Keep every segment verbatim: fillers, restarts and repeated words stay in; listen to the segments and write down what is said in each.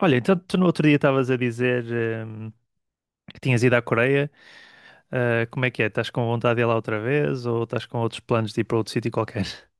Olha, então tu no outro dia estavas a dizer, hum, que tinhas ido à Coreia. Ah, como é que é? Estás com vontade de ir lá outra vez ou estás com outros planos de ir para outro sítio qualquer?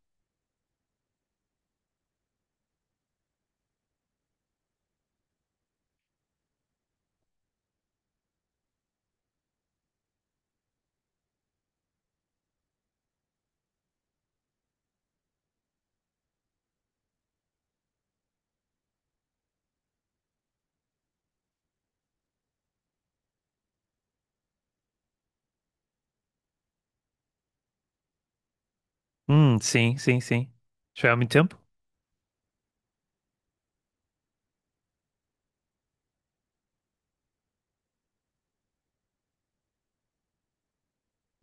Hum, sim, sim, sim. Já foi há muito tempo?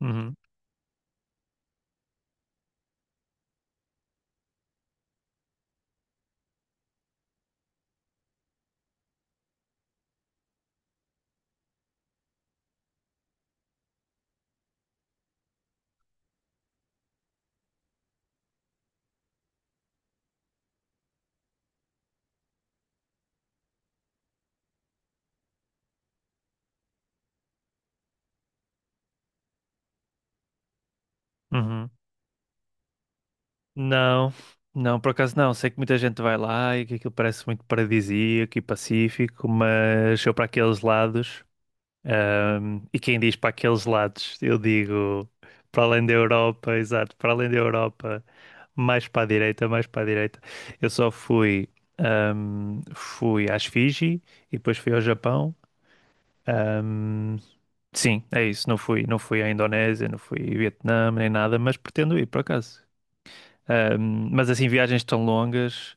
Uhum, uhum. Não, não, por acaso não. Sei que muita gente vai lá e que aquilo parece muito paradisíaco e pacífico, mas eu para aqueles lados, hum, e quem diz para aqueles lados, eu digo para além da Europa, exato, para além da Europa. Mais para a direita, mais para a direita. Eu só fui, ahm, fui às Fiji e depois fui ao Japão. Ahm, sim, é isso. Não fui, não fui à Indonésia, não fui ao Vietnã nem nada, mas pretendo ir por acaso. Ahm, mas assim, viagens tão longas.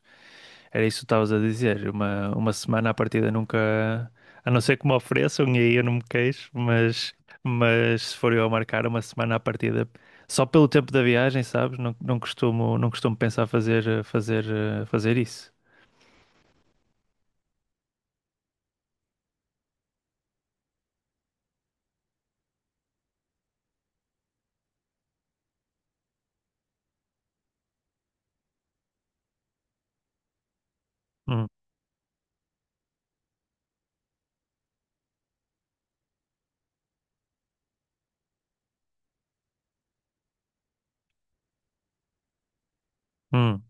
Era isso que tu estavas a dizer. Uma, uma semana à partida nunca. A não ser que me ofereçam, e aí eu não me queixo, mas, mas, se for eu a marcar uma semana à partida, só pelo tempo da viagem, sabes? Não, não costumo, não costumo pensar fazer, eh, fazer, eh, fazer isso. Hum, hum,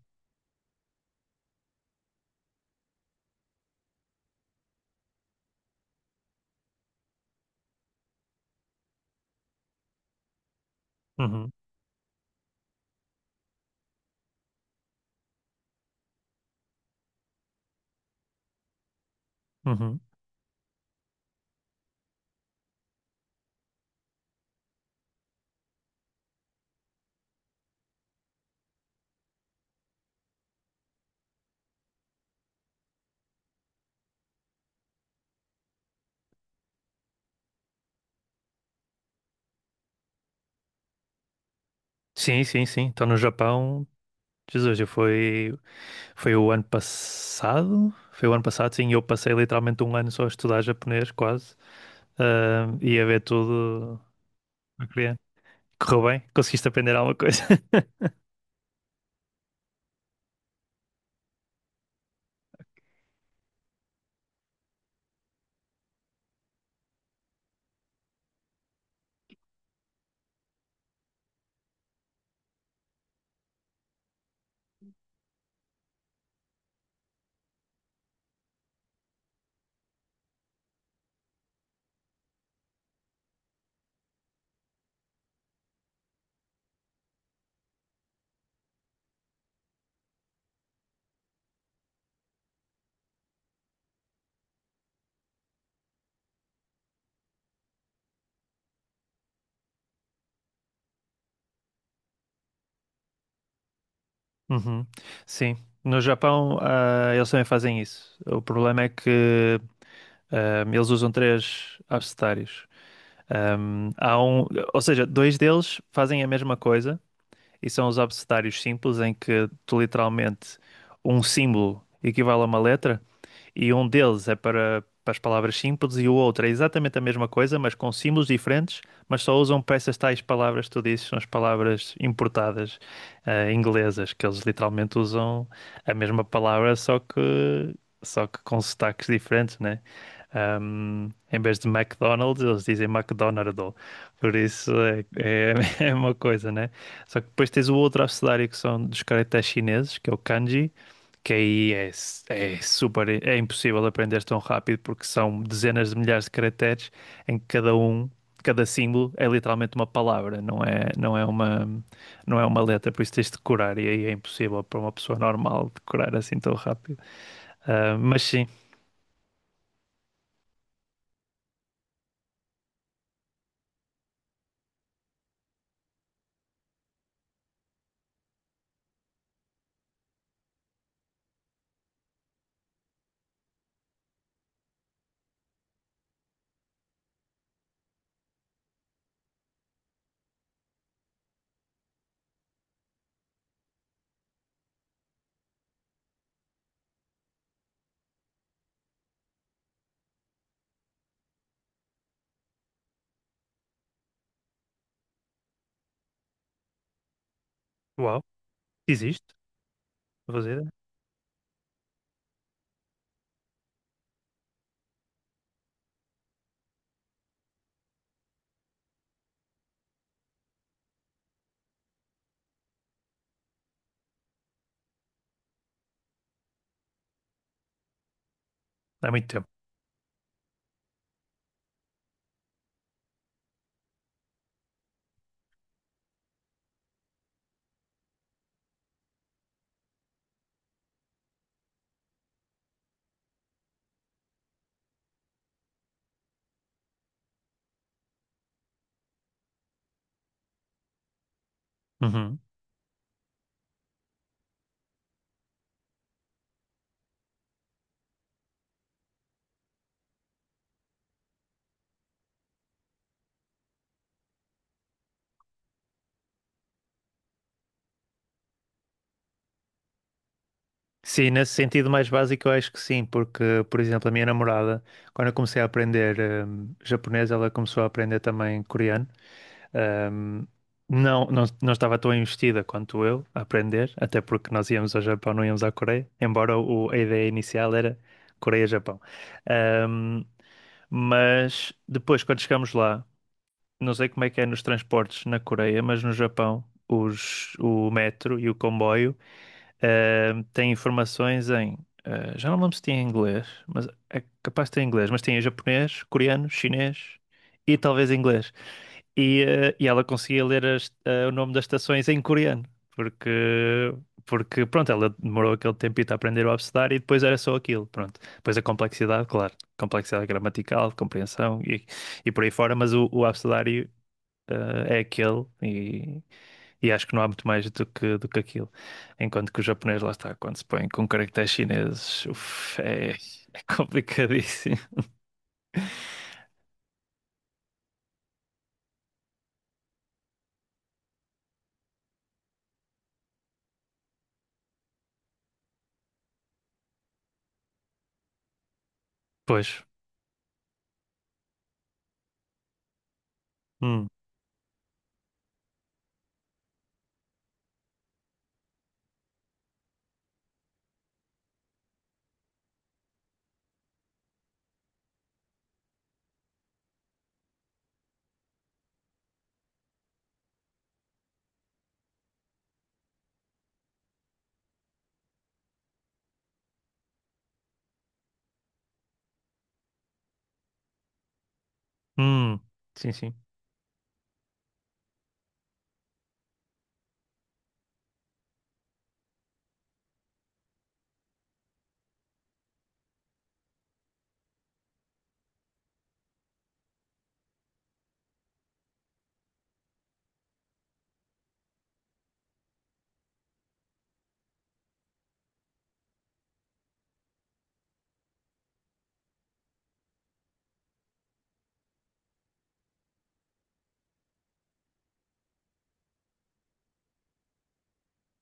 uhum, uhum. Sim, sim, sim. Estou no Japão. Jesus, eu fui, foi o ano passado? Foi o ano passado, sim. Eu passei literalmente um ano só a estudar japonês, quase. Ah, e a ver tudo. Ok. Correu bem? Conseguiste aprender alguma coisa? Uhum. Sim. No Japão, ah, eles também fazem isso. O problema é que ah, eles usam três abecedários. Ahm, há um, ou seja, dois deles fazem a mesma coisa e são os abecedários simples, em que tu literalmente um símbolo equivale a uma letra. E um deles é para, para as palavras simples e o outro é exatamente a mesma coisa, mas com símbolos diferentes, mas só usam para essas tais palavras que tu dizes, são as palavras importadas, eh, inglesas, que eles literalmente usam a mesma palavra, só que, só que com sotaques diferentes, né? Um, em vez de McDonald's, eles dizem McDonald's. Por isso é, é, é uma coisa, né? Só que depois tens o outro abecedário que são dos caracteres chineses, que é o kanji, que aí é, s- é super, é impossível aprender tão rápido porque são dezenas de milhares de caracteres em que cada um, cada símbolo é literalmente uma palavra, não é, não é uma, não é uma letra, por isso tens de decorar e aí é impossível para uma pessoa normal decorar assim tão rápido. Ah, mas sim, uau, existe, não fazia ideia. Há muito tempo. Uhum. Sim, nesse sentido mais básico eu acho que sim, porque, por exemplo, a minha namorada, quando eu comecei a aprender hum, japonês, ela começou a aprender também coreano. Ahm, não, não, não estava tão investida quanto eu a aprender, até porque nós íamos ao Japão, não íamos à Coreia, embora o, a ideia inicial era Coreia-Japão. Ahm, mas depois, quando chegamos lá, não sei como é que é nos transportes na Coreia, mas no Japão, os, o metro e o comboio. Ahm, tem informações em. Ah, já não me lembro se tinha em inglês, mas é capaz de ter em inglês, mas tem em japonês, coreano, chinês e talvez inglês. E, ah, e ela conseguia ler as- ah, o nome das estações em coreano, porque, porque pronto, ela demorou aquele tempito a aprender o abecedário e depois era só aquilo, pronto. Depois a complexidade, claro, complexidade gramatical, compreensão e, e por aí fora, mas o, o abecedário eh, é aquele e, e acho que não há muito mais do que, do que aquilo. Enquanto que o japonês, lá está, quando se põe com caracteres chineses, uf, é, é complicadíssimo. Pois. Hum. Hum. Sim, sim.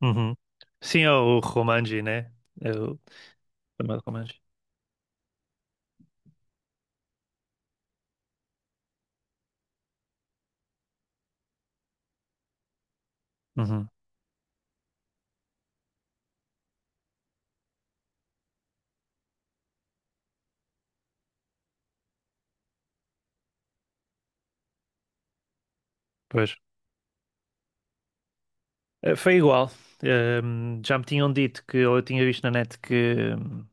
Uhum. Sim, é o Romanji, né? É o chamado Romanji. Uhum. Pois. Eh, Foi igual. Ehm, já me tinham dito que, ou eu tinha visto na net que, hum,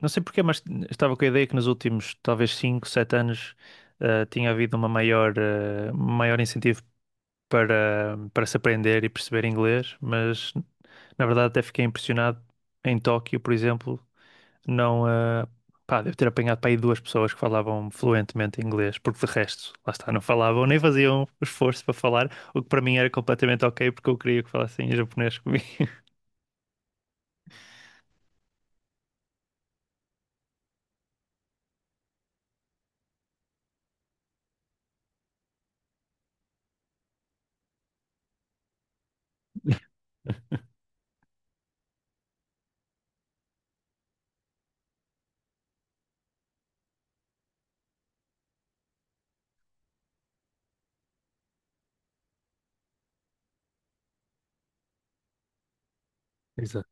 não sei porquê, mas estava com a ideia que nos últimos talvez cinco, sete anos eh, tinha havido uma maior, eh, um maior incentivo para, para se aprender e perceber inglês, mas na verdade até fiquei impressionado em Tóquio, por exemplo, não, eh, pá, devo ter apanhado para aí duas pessoas que falavam fluentemente inglês, porque de resto, lá está, não falavam, nem faziam esforço para falar, o que para mim era completamente ok, porque eu queria que falassem em japonês comigo. Exato.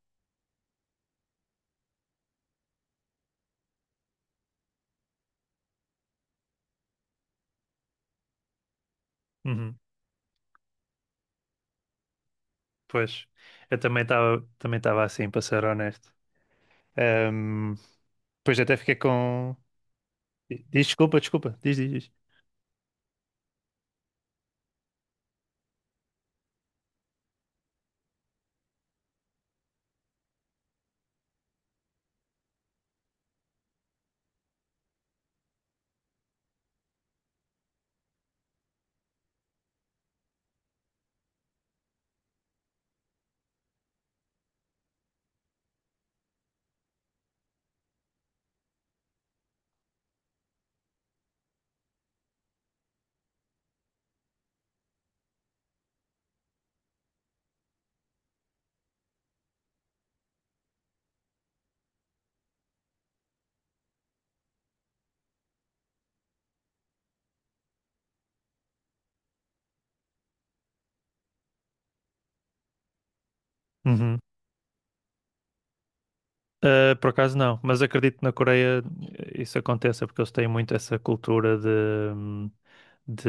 Uhum. Pois, eu também estava também estava assim, para ser honesto. Ahm, Pois até fiquei com. Diz desculpa, desculpa, diz, diz, diz. Uhum. Ah, por acaso não, mas acredito que na Coreia eh, isso aconteça, porque eles têm muito essa cultura de, hum, de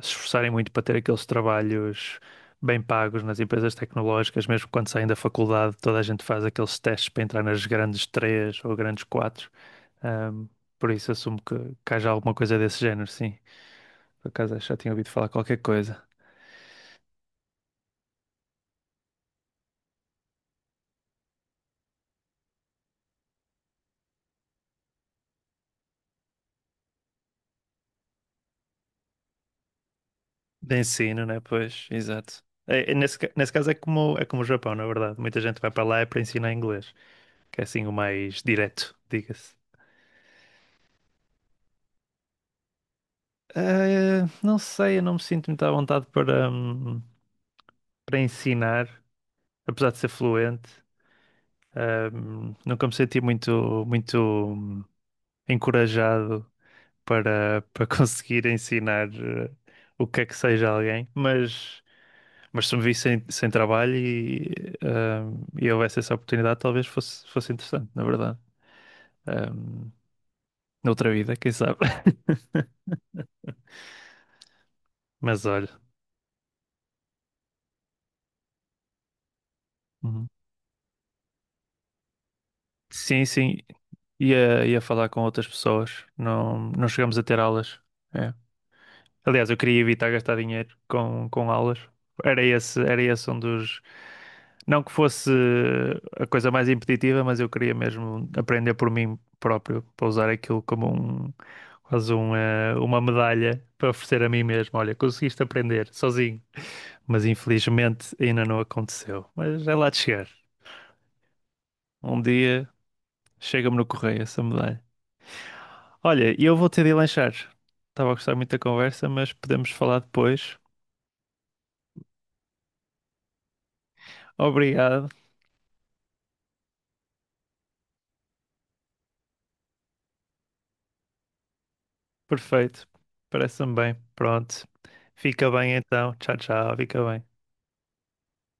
se esforçarem muito para ter aqueles trabalhos bem pagos nas empresas tecnológicas, mesmo quando saem da faculdade, toda a gente faz aqueles testes para entrar nas grandes três ou grandes quatro. Ahm, por isso assumo que, que haja alguma coisa desse género, sim. Por acaso acho que já tinha ouvido falar qualquer coisa. De ensino, né? Pois, exato. É, é nesse, ca- nesse caso é como, é como o Japão, na verdade. Muita gente vai para lá é para ensinar inglês, que é assim o mais direto, diga-se. Eh, não sei, eu não me sinto muito à vontade para, hum, para ensinar, apesar de ser fluente. Hum, nunca me senti muito, muito hum, encorajado para, para conseguir ensinar eh, o que é que seja a alguém, mas. Mas se me vi sem, sem trabalho e, ahm, e houvesse essa oportunidade, talvez fosse, fosse interessante, na verdade. Ahm, Noutra vida, quem sabe? Mas olha, uhum. Sim, sim, ia, ia falar com outras pessoas. Não, não chegamos a ter aulas. É. Aliás, eu queria evitar gastar dinheiro com, com aulas. Era esse, era esse um dos. Não que fosse a coisa mais impeditiva, mas eu queria mesmo aprender por mim próprio, para usar aquilo como um, quase um, eh, uma medalha para oferecer a mim mesmo. Olha, conseguiste aprender sozinho. Mas infelizmente ainda não aconteceu. Mas é lá de chegar. Um dia chega-me no correio essa medalha. Olha, e eu vou ter de ir lanchar. Estava a gostar muito da conversa, mas podemos falar depois. Obrigado. Perfeito. Parece-me bem. Pronto. Fica bem então. Tchau, tchau. Fica bem.